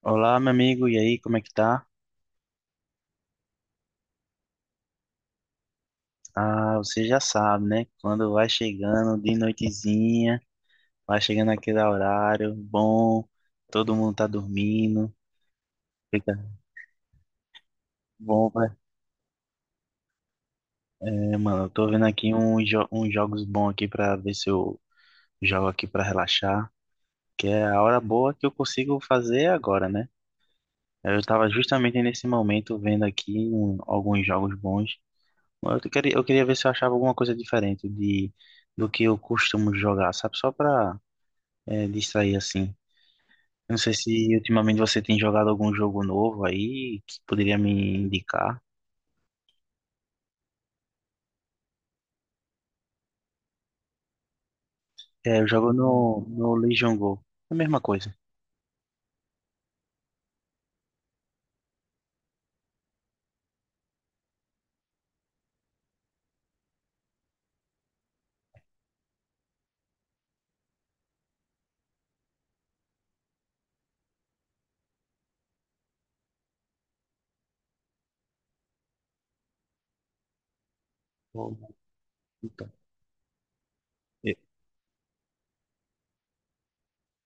Olá, meu amigo, e aí, como é que tá? Ah, você já sabe, né? Quando vai chegando de noitezinha, vai chegando aquele horário bom, todo mundo tá dormindo, fica bom, vai. É, mano, eu tô vendo aqui uns jogos bons aqui pra ver se eu jogo aqui pra relaxar, que é a hora boa que eu consigo fazer agora, né? Eu tava justamente nesse momento vendo aqui alguns jogos bons. Eu queria ver se eu achava alguma coisa diferente do que eu costumo jogar, sabe? Só pra distrair assim. Não sei se ultimamente você tem jogado algum jogo novo aí que poderia me indicar. É, eu jogo no Legion Go. É a mesma coisa. Bom, então. E-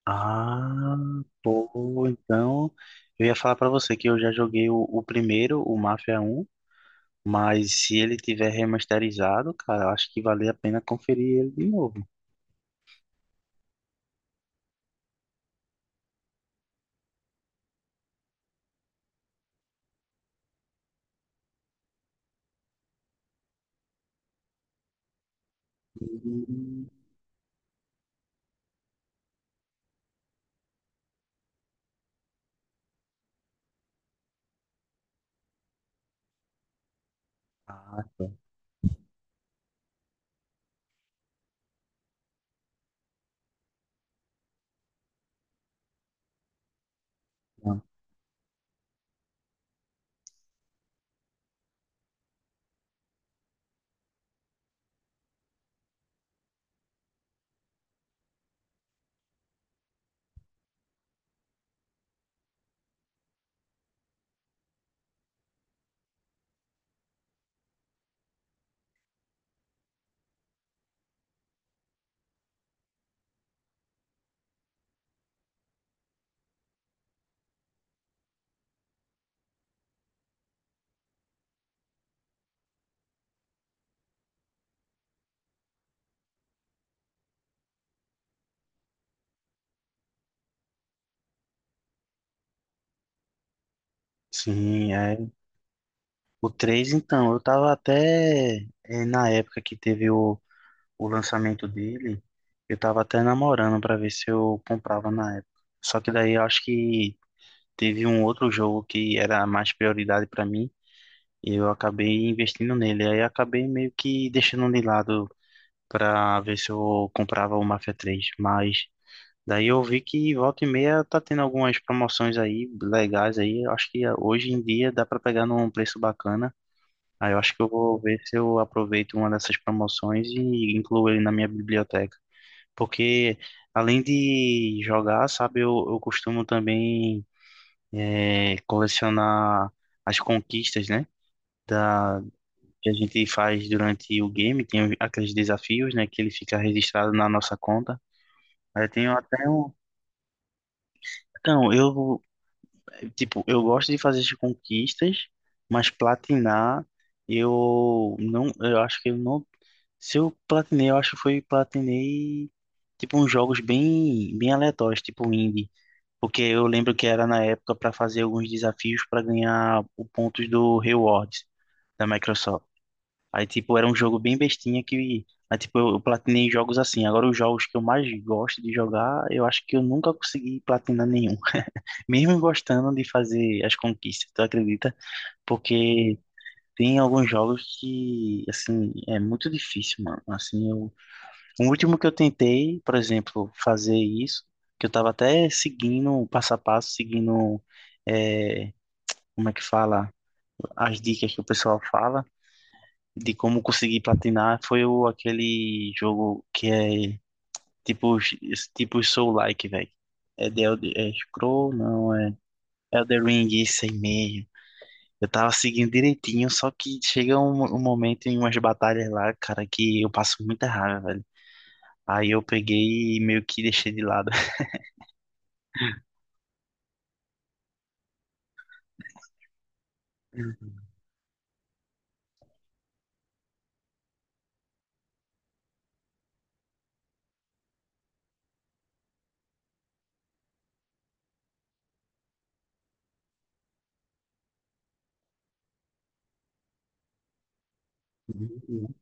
Ah, pô, então eu ia falar pra você que eu já joguei o primeiro, o Mafia 1, mas se ele tiver remasterizado, cara, eu acho que vale a pena conferir ele de novo. Hum. Ah, tá. Não. Sim, é. O 3 então, eu tava até, na época que teve o lançamento dele, eu tava até namorando pra ver se eu comprava na época. Só que daí eu acho que teve um outro jogo que era mais prioridade pra mim e eu acabei investindo nele. Aí eu acabei meio que deixando de lado pra ver se eu comprava o Mafia 3. Mas daí eu vi que volta e meia tá tendo algumas promoções aí legais aí. Eu acho que hoje em dia dá pra pegar num preço bacana. Ah, eu acho que eu vou ver se eu aproveito uma dessas promoções e incluo ele na minha biblioteca. Porque além de jogar, sabe, eu costumo também colecionar as conquistas, né? Da, que a gente faz durante o game, tem aqueles desafios, né? Que ele fica registrado na nossa conta. Aí eu tenho até um. Então, eu tipo, eu gosto de fazer as conquistas, mas platinar, eu não, eu acho que eu não, se eu platinei, eu acho que foi platinei tipo uns jogos bem, bem aleatórios, tipo indie, porque eu lembro que era na época para fazer alguns desafios para ganhar o pontos do rewards da Microsoft. Aí tipo era um jogo bem bestinha que, aí tipo eu platinei jogos assim. Agora os jogos que eu mais gosto de jogar, eu acho que eu nunca consegui platinar nenhum mesmo gostando de fazer as conquistas, tu acredita? Porque tem alguns jogos que, assim, é muito difícil, mano. Assim, o último que eu tentei, por exemplo, fazer isso, que eu tava até seguindo o passo a passo, seguindo, é, como é que fala, as dicas que o pessoal fala de como conseguir platinar, foi aquele jogo que é tipo, esse tipo Soul-like, velho. É The Elder, é Scroll, não, é Elder Ring, isso aí mesmo. Eu tava seguindo direitinho, só que chega um momento em umas batalhas lá, cara, que eu passo muita raiva, velho. Aí eu peguei e meio que deixei de lado. Uhum,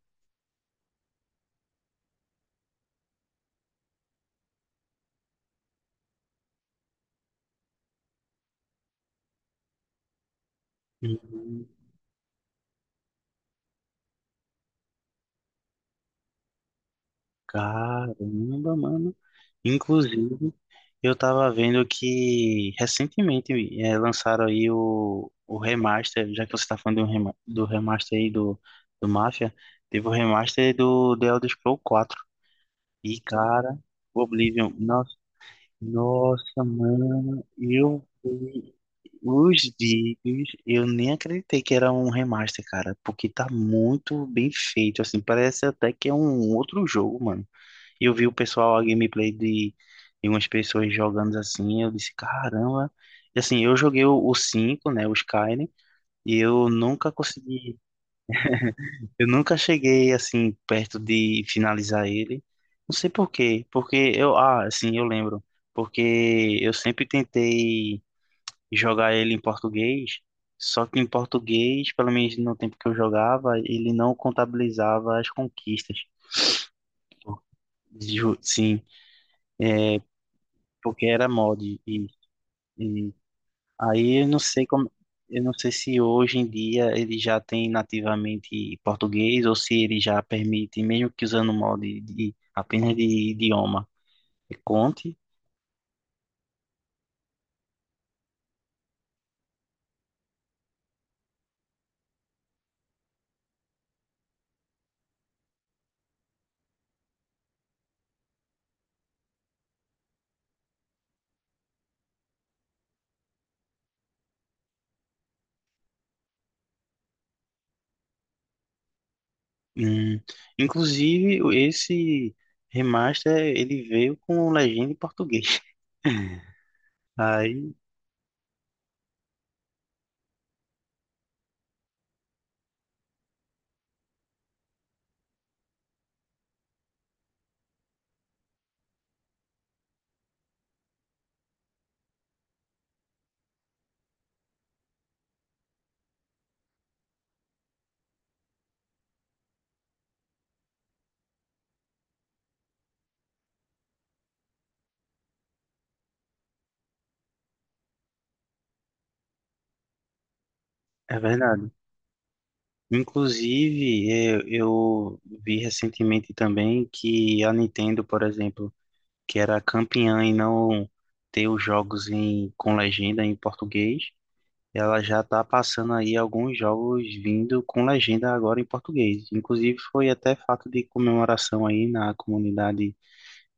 uhum. Caramba, mano. Inclusive, eu tava vendo que recentemente lançaram aí o remaster, já que você tá falando do remaster aí do Mafia, teve o remaster do The Elder Scrolls 4. E, cara, o Oblivion. Nossa, mano, eu vi os vídeos, eu nem acreditei que era um remaster, cara, porque tá muito bem feito, assim, parece até que é um outro jogo, mano. E eu vi o pessoal, a gameplay de umas pessoas jogando assim, eu disse, caramba. E assim, eu joguei 5 né, o Skyrim, e eu nunca consegui. Eu nunca cheguei assim perto de finalizar ele. Não sei por quê, porque ah, assim, eu lembro, porque eu sempre tentei jogar ele em português, só que em português, pelo menos no tempo que eu jogava, ele não contabilizava as conquistas. Sim, porque era mod e, aí eu não sei como, eu não sei se hoje em dia ele já tem nativamente português ou se ele já permite, mesmo que usando o modo apenas de idioma, que conte. Hum, Inclusive esse remaster ele veio com legenda em português. Aí é verdade. Inclusive eu vi recentemente também que a Nintendo, por exemplo, que era campeã em não ter os jogos com legenda em português. Ela já está passando aí alguns jogos vindo com legenda agora em português. Inclusive foi até fato de comemoração aí na comunidade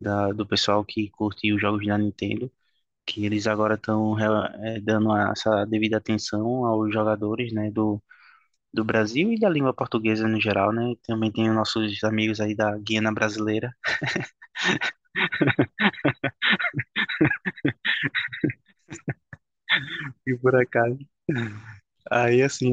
do pessoal que curte os jogos da Nintendo, que eles agora estão dando essa devida atenção aos jogadores, né, do Brasil e da língua portuguesa no geral, né? Também tem os nossos amigos aí da Guiana Brasileira. E por acaso. Aí assim,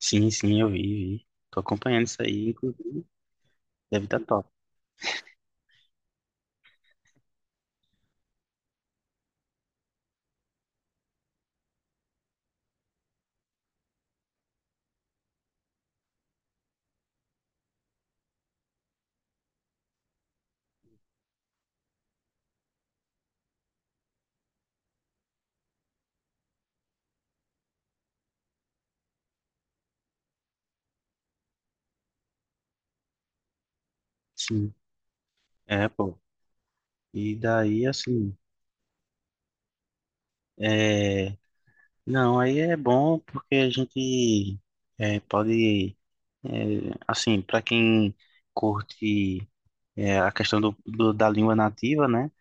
sim, sim, eu vi, vi. Tô acompanhando isso aí, inclusive. Deve estar top. Sim, é, pô. E daí, assim, é... não, aí é bom porque a gente pode, é, assim, para quem curte a questão da língua nativa, né?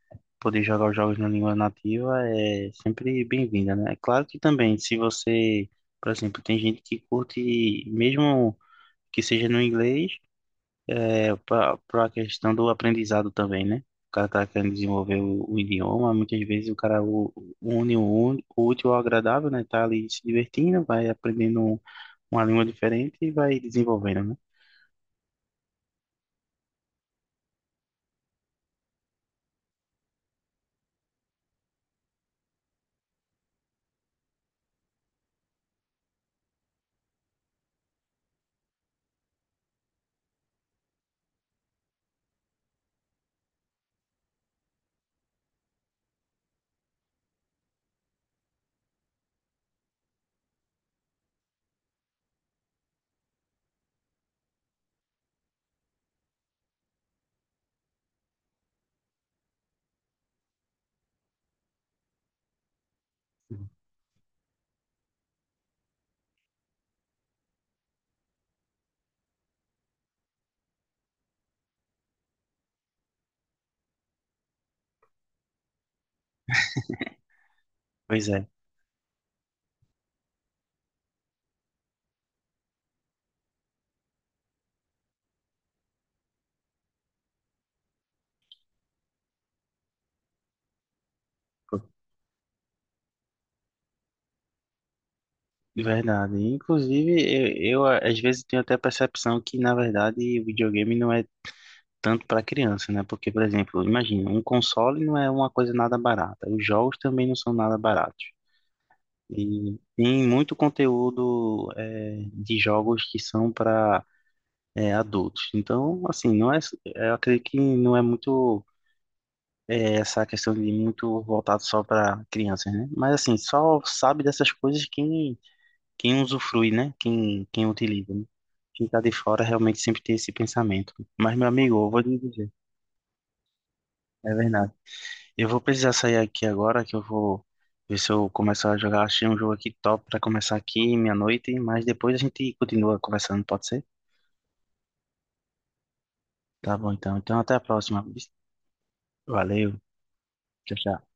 Poder jogar os jogos na língua nativa é sempre bem-vinda, né? É claro que também, se você, por exemplo, tem gente que curte, mesmo que seja no inglês, é, para a questão do aprendizado também, né? O cara tá querendo desenvolver o idioma, muitas vezes o cara une o útil ao agradável, né? Tá ali se divertindo, vai aprendendo uma língua diferente e vai desenvolvendo, né? Pois é, de verdade. Inclusive, eu às vezes tenho até a percepção que, na verdade, o videogame não é tanto para criança, né? Porque, por exemplo, imagina, um console não é uma coisa nada barata, os jogos também não são nada baratos. E tem muito conteúdo de jogos que são para adultos. Então, assim, não é, eu acredito que não é muito essa questão de muito voltado só para crianças, né? Mas assim, só sabe dessas coisas quem usufrui, né? Quem utiliza, né? Quem tá de fora realmente sempre tem esse pensamento. Mas meu amigo, eu vou lhe dizer, é verdade. Eu vou precisar sair aqui agora, que eu vou ver se eu começo a jogar. Achei um jogo aqui top pra começar aqui meia-noite, mas depois a gente continua conversando, pode ser? Tá bom, então. Então até a próxima. Valeu. Tchau, tchau.